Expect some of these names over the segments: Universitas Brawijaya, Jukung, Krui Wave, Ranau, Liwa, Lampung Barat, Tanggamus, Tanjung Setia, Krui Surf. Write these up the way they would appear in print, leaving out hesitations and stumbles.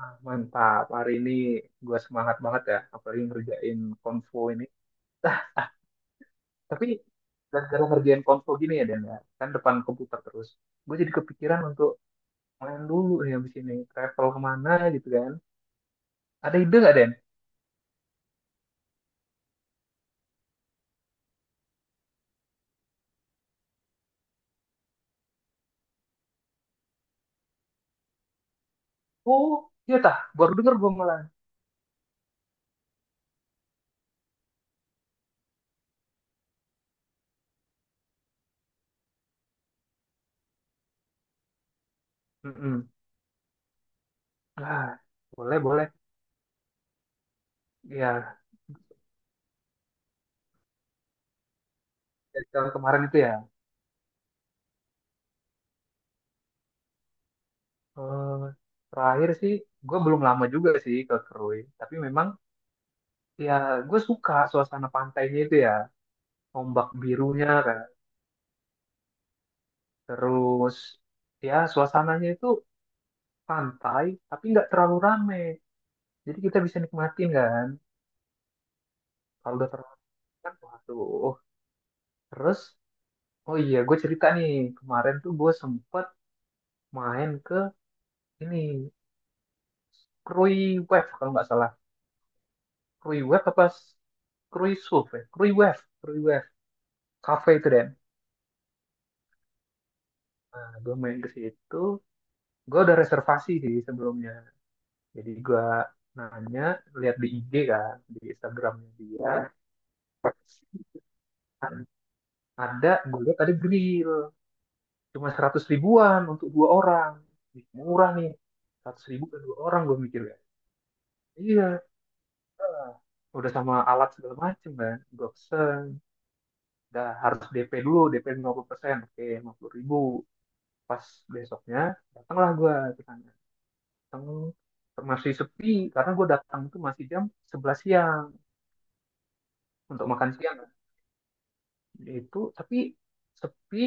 Mantap, hari ini gue semangat banget ya, apalagi ngerjain konvo ini. Ah, tapi gara-gara ngerjain konvo gini ya, Dan ya, kan depan komputer terus. Gue jadi kepikiran untuk main dulu ya abis ini, travel kemana gitu kan. Ada ide nggak, Den? Oh, iya tah, baru denger gue malah. Mm-mm. Ah, boleh, boleh. Ya, dari tahun kemarin itu ya. Eh, terakhir sih, gue belum lama juga sih ke Krui. Tapi memang, ya gue suka suasana pantainya itu ya, ombak birunya kan. Terus ya suasananya itu pantai tapi nggak terlalu rame. Jadi kita bisa nikmatin kan. Kalau udah terlalu rame kan, waduh. Terus oh iya gue cerita nih, kemarin tuh gue sempet main ke ini Krui Wave kalau nggak salah. Krui Wave apa? Krui Surf ya? Krui Wave. Krui Wave. Cafe itu Den. Nah gue main ke situ. Gue udah reservasi sih sebelumnya. Jadi gue nanya, lihat di IG kan, di Instagramnya dia. Ada, gue lihat ada grill. Cuma 100 ribuan untuk dua orang. Ih, murah nih. 100.000 dan dua orang, gue mikir ya. Iya, udah sama alat segala macem kan. Gue pesen. Dah harus DP dulu, DP persen, oke, 50.000. Pas besoknya, datanglah gue ke sana. Datang masih sepi karena gue datang itu masih jam 11 siang, untuk makan siang. Dia itu tapi sepi,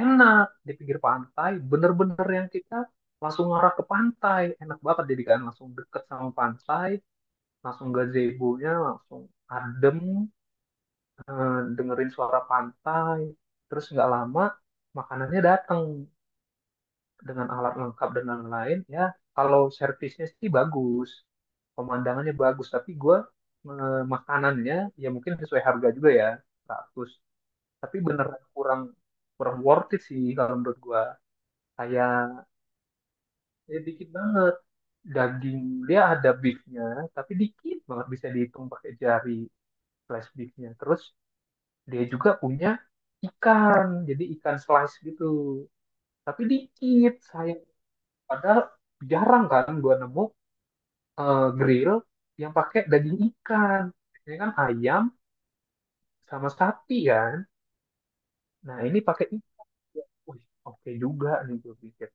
enak di pinggir pantai bener-bener, yang kita langsung ngarah ke pantai, enak banget, jadi kan langsung deket sama pantai, langsung gazebo-nya langsung adem. Eh, dengerin suara pantai, terus nggak lama makanannya datang dengan alat lengkap dan lain-lain ya. Kalau servisnya sih bagus, pemandangannya bagus, tapi gue, eh, makanannya ya mungkin sesuai harga juga ya, 100, tapi beneran kurang kurang worth it sih kalau menurut gua. Kayak ya dikit banget daging, dia ada beefnya tapi dikit banget, bisa dihitung pakai jari, slice beefnya. Terus dia juga punya ikan, jadi ikan slice gitu tapi dikit, sayang. Padahal jarang kan gua nemu, eh, grill yang pakai daging ikan, biasanya kan ayam sama sapi kan. Nah ini pakai ikan, wih, oke juga nih gue pikir.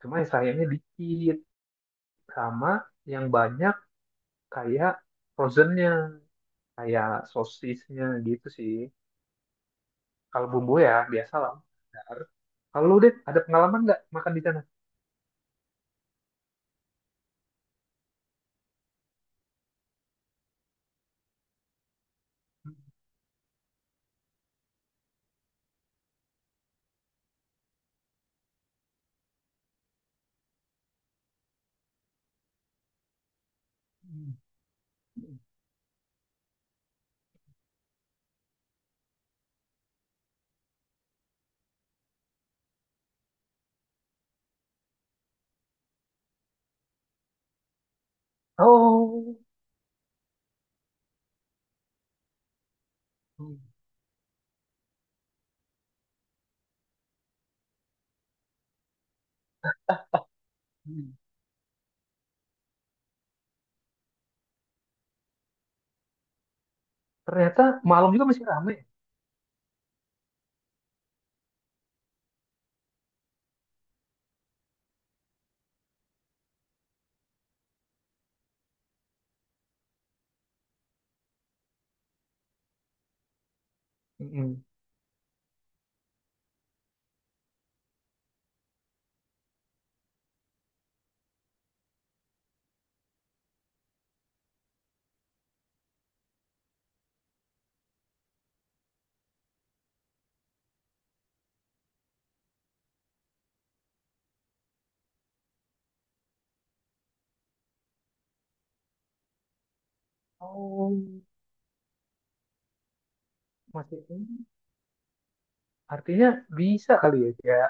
Cuma sayangnya dikit. Sama yang banyak kayak frozennya, kayak sosisnya gitu sih. Kalau bumbu ya biasa lah. Dar. Kalau lu deh, ada pengalaman nggak makan di sana? Mm-mm. Oh, mm-mm, ternyata malam juga masih ramai. Mm-mm. Oh, masih artinya bisa kali ya, kayak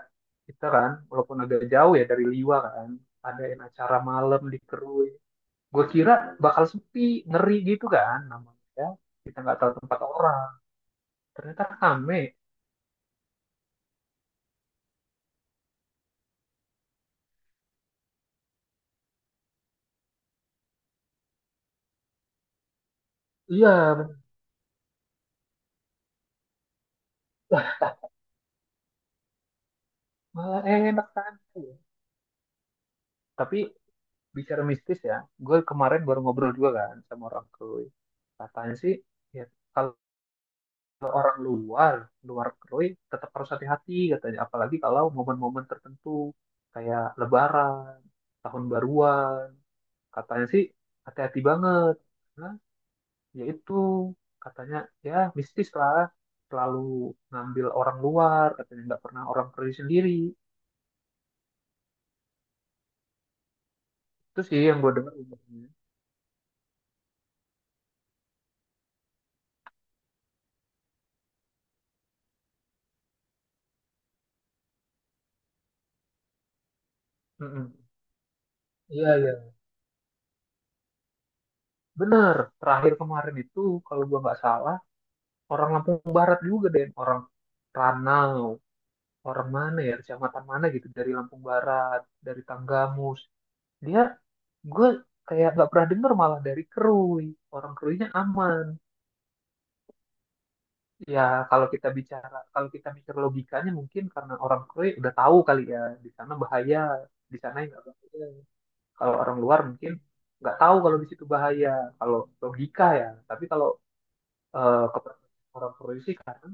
kita kan walaupun agak jauh ya dari Liwa kan, adain acara malam di Kerui. Gue kira bakal sepi, ngeri gitu kan namanya, kita nggak tahu tempat orang. Ternyata rame. Iya bener. Malah enak kan. Tapi bicara mistis ya, gue kemarin baru ngobrol juga kan sama orang Krui, katanya sih, ya kalau orang luar, luar Krui, tetap harus hati-hati katanya, apalagi kalau momen-momen tertentu kayak Lebaran, tahun baruan, katanya sih hati-hati banget, karena yaitu katanya ya mistis lah, selalu ngambil orang luar, katanya nggak pernah orang pergi sendiri. Itu sih yang gue dengar umumnya. Mm-mm. Iya, iya. Bener. Terakhir kemarin itu, kalau gue nggak salah, orang Lampung Barat juga deh. Orang Ranau. Orang mana ya, kecamatan mana gitu. Dari Lampung Barat, dari Tanggamus. Dia, gue kayak nggak pernah denger malah dari Kerui. Orang Keruinya aman. Ya, kalau kita bicara, kalau kita mikir logikanya, mungkin karena orang Korea udah tahu kali ya, di sana bahaya, di sana yang nggak bahaya. Kalau orang luar mungkin nggak tahu kalau di situ bahaya, kalau logika ya. Tapi kalau, eh, kepercayaan orang Korea sih, karena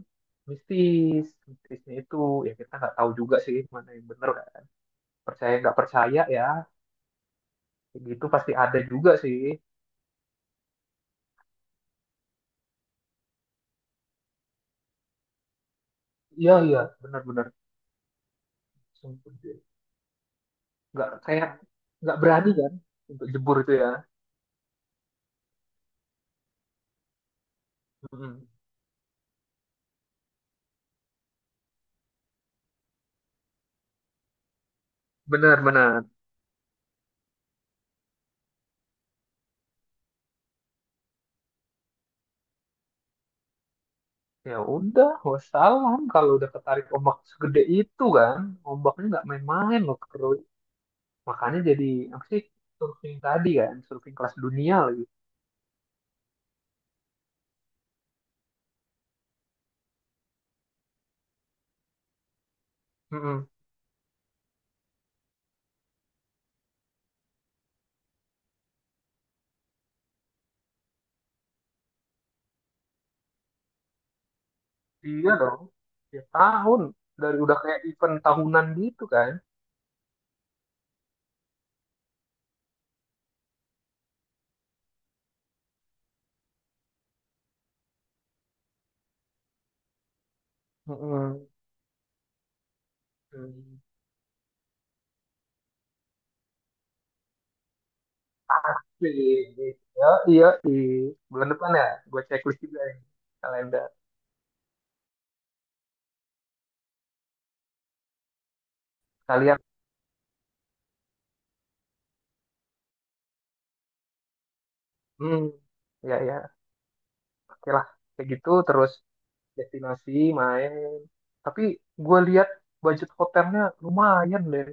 mistis, mistisnya itu ya kita nggak tahu juga sih mana yang benar, kan. Percaya nggak percaya ya, kayak gitu pasti ada juga sih. Iya iya, benar-benar. Sumpah deh. Nggak kayak, nggak berani kan untuk jebur itu ya. Mm-mm. Benar-benar. Ya udah, wassalam kalau udah ketarik ombak segede itu kan, ombaknya nggak main-main loh keruy. Makanya jadi apa sih, surfing tadi kan, surfing kelas dunia lagi. Mm-mm. Iya dong, ya tahun, dari udah kayak event tahunan gitu kan. Mm-mm. Hmm. Iya, iya, di bulan depan ya, gue checklist juga ini kalender kalian. Hmm, ya ya. Oke lah, kayak gitu, terus destinasi main, tapi gue lihat budget hotelnya lumayan deh.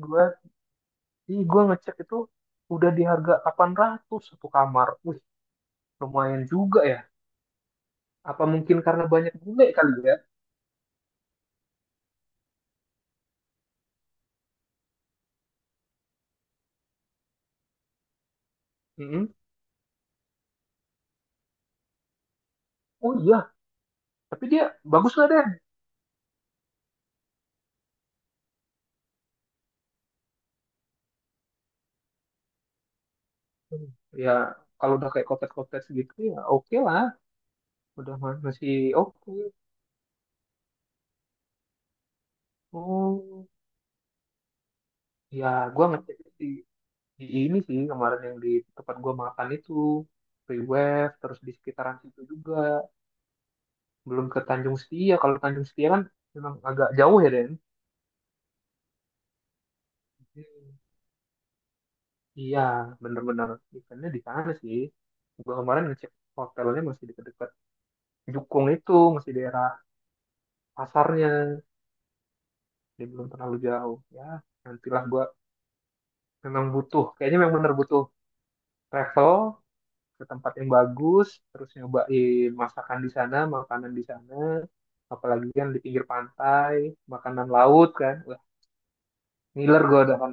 Gue ih gue ngecek itu udah di harga 800 satu kamar, wih lumayan juga ya, apa mungkin karena banyak bule kali ya. Mm-mm. Oh iya, tapi dia bagus lah deh. Hmm. Ya kalau udah kayak cottage-cottage gitu ya oke lah. Udah masih oke. Oh ya, gue ngecek sih di ini sih, kemarin yang di tempat gua makan itu, free wave, terus di sekitaran situ juga belum ke Tanjung Setia. Kalau Tanjung Setia kan memang agak jauh ya Den. Iya, bener-bener, ikannya di sana sih. Gua kemarin ngecek hotelnya masih dekat-dekat Jukung, itu masih daerah pasarnya, jadi belum terlalu jauh ya. Nantilah gua memang butuh, kayaknya memang bener butuh travel ke tempat yang bagus, terus nyobain masakan di sana, makanan di sana, apalagi kan di pinggir pantai, makanan laut kan, wah, ngiler gue udah kan.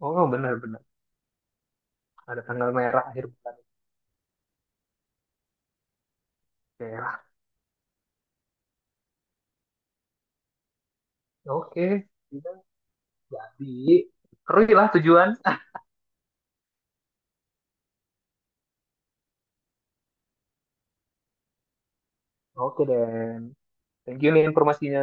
Oh benar-benar, ada tanggal merah akhir bulan. Oke, lah. Oke, jadi Kerui lah tujuan. Oke dan thank you nih informasinya.